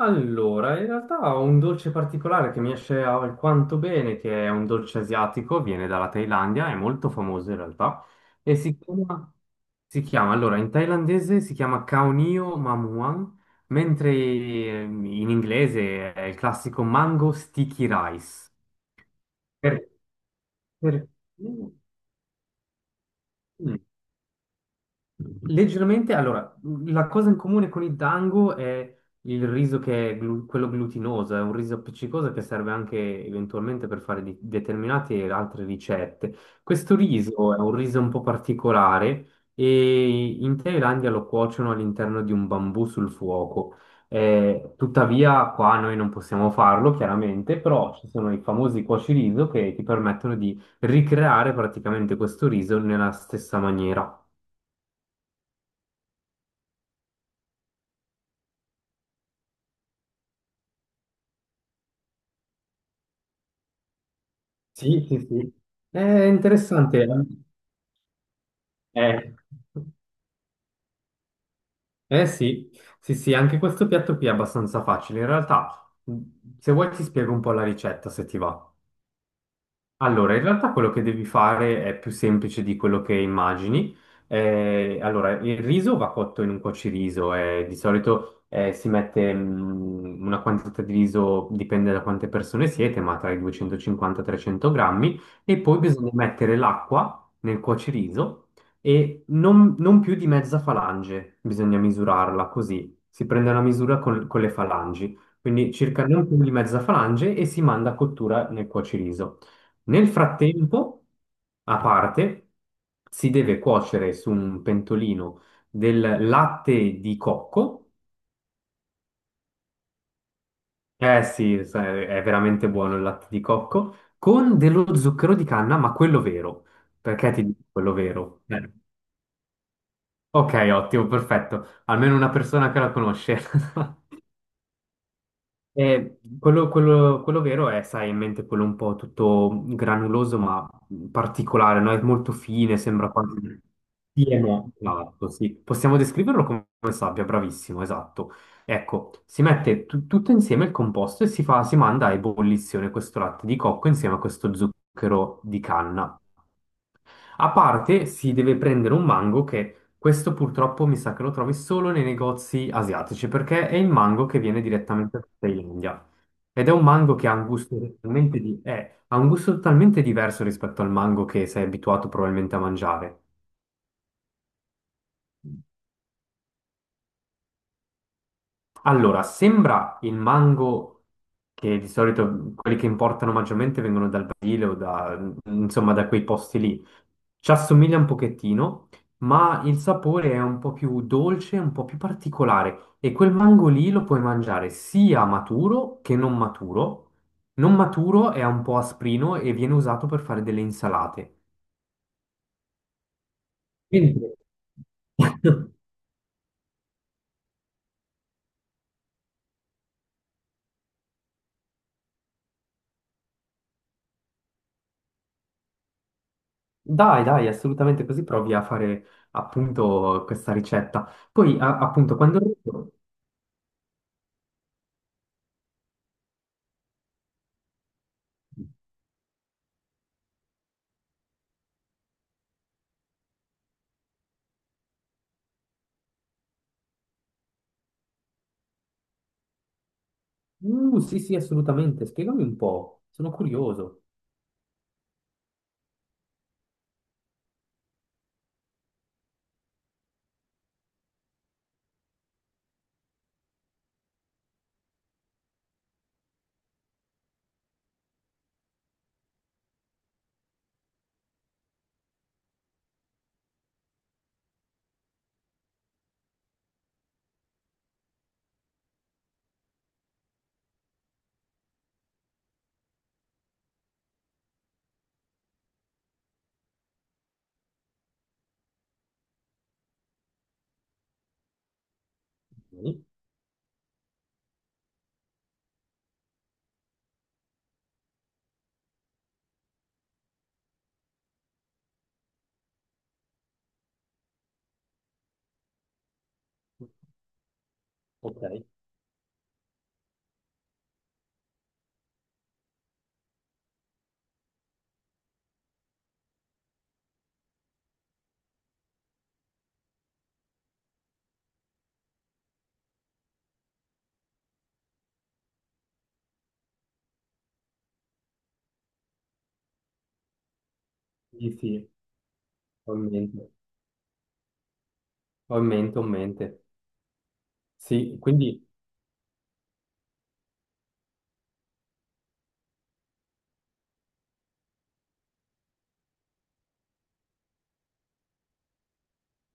Allora, in realtà ho un dolce particolare che mi esce alquanto bene, che è un dolce asiatico, viene dalla Thailandia, è molto famoso in realtà, e allora, in thailandese si chiama Kaunio Mamuang, mentre in inglese è il classico Mango Sticky Rice. Per- per- Mm. Leggermente, allora, la cosa in comune con il dango è il riso che è quello glutinoso, è un riso appiccicoso che serve anche eventualmente per fare determinate altre ricette. Questo riso è un riso un po' particolare e in Thailandia lo cuociono all'interno di un bambù sul fuoco. Tuttavia, qua noi non possiamo farlo, chiaramente, però ci sono i famosi cuociriso che ti permettono di ricreare praticamente questo riso nella stessa maniera. Sì, sì, sì. È interessante. Eh, eh sì, sì, sì, anche questo piatto qui è abbastanza facile. In realtà, se vuoi ti spiego un po' la ricetta, se ti va. Allora, in realtà quello che devi fare è più semplice di quello che immagini. Allora, il riso va cotto in un cuociriso, di solito si mette una quantità di riso, dipende da quante persone siete, ma tra i 250 e 300 grammi, e poi bisogna mettere l'acqua nel cuociriso e non più di mezza falange, bisogna misurarla così, si prende una misura con le falangi, quindi circa non più di mezza falange e si manda a cottura nel cuociriso. Nel frattempo, a parte, si deve cuocere su un pentolino del latte di cocco. Eh sì, è veramente buono il latte di cocco, con dello zucchero di canna, ma quello vero. Perché ti dico quello vero? Ok, ottimo, perfetto. Almeno una persona che la conosce. Quello vero è, sai, in mente quello un po' tutto granuloso ma particolare, no? È molto fine, sembra quasi... Sì e no, esatto, sì. Possiamo descriverlo come sabbia, bravissimo, esatto. Ecco, si mette tutto insieme il composto e si fa, si manda a ebollizione questo latte di cocco insieme a questo zucchero di canna. A parte si deve prendere un mango che questo purtroppo mi sa che lo trovi solo nei negozi asiatici perché è il mango che viene direttamente dalla Thailandia ed è un mango che ha un gusto totalmente, ha un gusto totalmente diverso rispetto al mango che sei abituato probabilmente a mangiare. Allora, sembra il mango che di solito quelli che importano maggiormente vengono dal Brasile o da, insomma, da quei posti lì. Ci assomiglia un pochettino, ma il sapore è un po' più dolce, un po' più particolare. E quel mango lì lo puoi mangiare sia maturo che non maturo. Non maturo è un po' asprino e viene usato per fare delle insalate. Mentre Dai, dai, assolutamente così provi a fare appunto questa ricetta. Poi, appunto, quando... Sì, sì, assolutamente. Spiegami un po', sono curioso. Mm. Ok, sì, sì, ho in mente, ho in mente, ho in mente. Sì, quindi,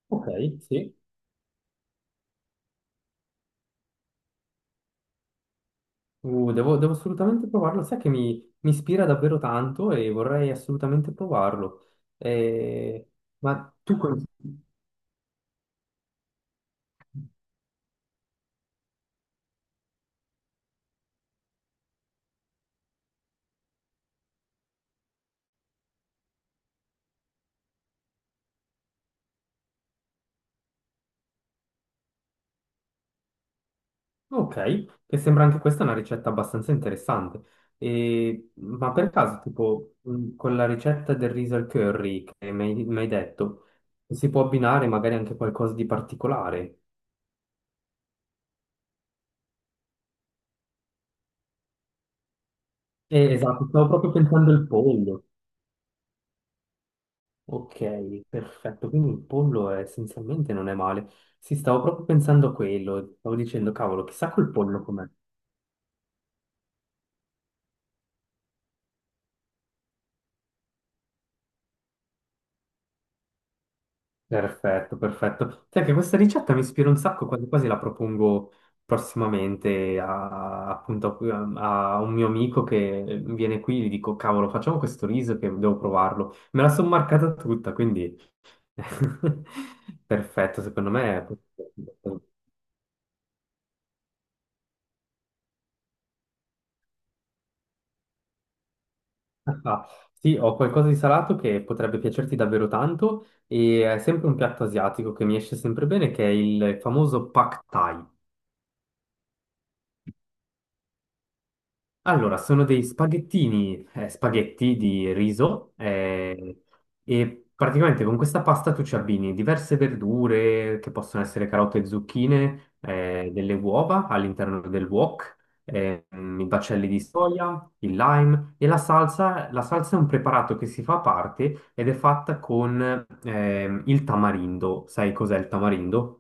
ok, sì. Devo assolutamente provarlo. Sai che mi ispira davvero tanto e vorrei assolutamente provarlo. Eh, ma tu... consigli? Ok, che sembra anche questa una ricetta abbastanza interessante. E- ma per caso, tipo, con la ricetta del riso al curry che mi hai detto, si può abbinare magari anche qualcosa di particolare? Esatto, stavo proprio pensando al pollo. Ok, perfetto, quindi il pollo è- essenzialmente non è male. Sì, stavo proprio pensando a quello, stavo dicendo, cavolo, chissà col pollo com'è. Perfetto, perfetto. Sai che questa ricetta mi ispira un sacco, quasi quasi la propongo prossimamente a, appunto, a un mio amico che viene qui e gli dico, cavolo, facciamo questo riso che devo provarlo. Me la sono marcata tutta, quindi perfetto, secondo me. Ah, sì, ho qualcosa di salato che potrebbe piacerti davvero tanto e è sempre un piatto asiatico che mi esce sempre bene, che è il famoso Pad Thai. Allora, sono dei spaghetti di riso e praticamente con questa pasta tu ci abbini diverse verdure che possono essere carote e zucchine, delle uova all'interno del wok, i baccelli di soia, il lime e la salsa. La salsa è un preparato che si fa a parte ed è fatta con il tamarindo. Sai cos'è il tamarindo?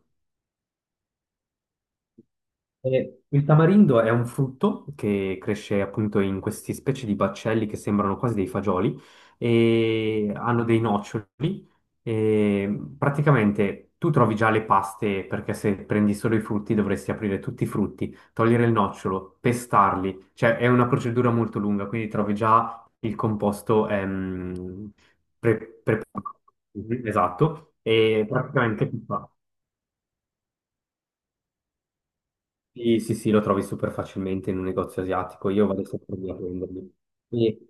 Il tamarindo è un frutto che cresce appunto in queste specie di baccelli che sembrano quasi dei fagioli e hanno dei noccioli. E praticamente tu trovi già le paste perché se prendi solo i frutti dovresti aprire tutti i frutti, togliere il nocciolo, pestarli, cioè è una procedura molto lunga, quindi trovi già il composto preparato. Mhm, esatto, e praticamente fa. Sì, sì, sì, lo trovi super facilmente in un negozio asiatico, io vado sempre lì a prenderli. E,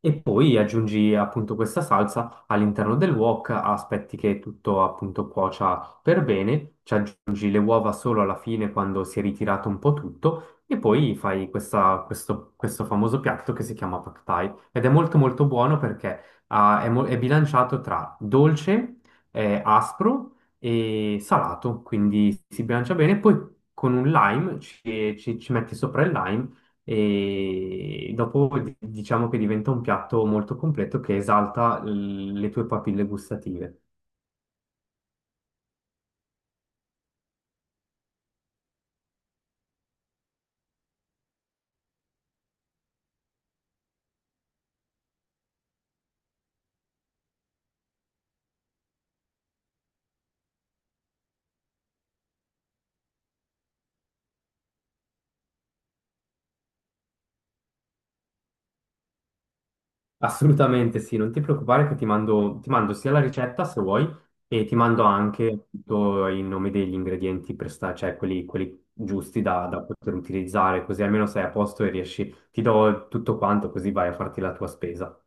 e poi aggiungi appunto questa salsa all'interno del wok, aspetti che tutto appunto cuocia per bene, ci aggiungi le uova solo alla fine quando si è ritirato un po' tutto e poi fai questo famoso piatto che si chiama Pad Thai ed è molto molto buono perché ah, è, mo- è bilanciato tra dolce, aspro e salato, quindi si bilancia bene. Poi con un lime ci metti sopra il lime e dopo diciamo che diventa un piatto molto completo che esalta l- le tue papille gustative. Assolutamente sì, non ti preoccupare che ti mando sia la ricetta se vuoi e ti mando anche tutto il nome degli ingredienti per sta- cioè quelli giusti da poter utilizzare, così almeno sei a posto e riesci, ti do tutto quanto così vai a farti la tua spesa.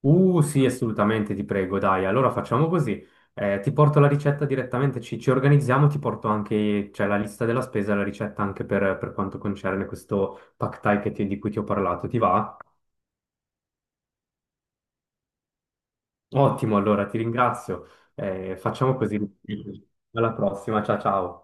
Sì, assolutamente, ti prego, dai. Allora facciamo così. Ti porto la ricetta direttamente, ci organizziamo, ti porto anche, cioè, la lista della spesa e la ricetta anche per quanto concerne questo pack thai che ti- di cui ti ho parlato. Ti va? Ottimo, allora ti ringrazio. Facciamo così. Alla prossima, ciao ciao.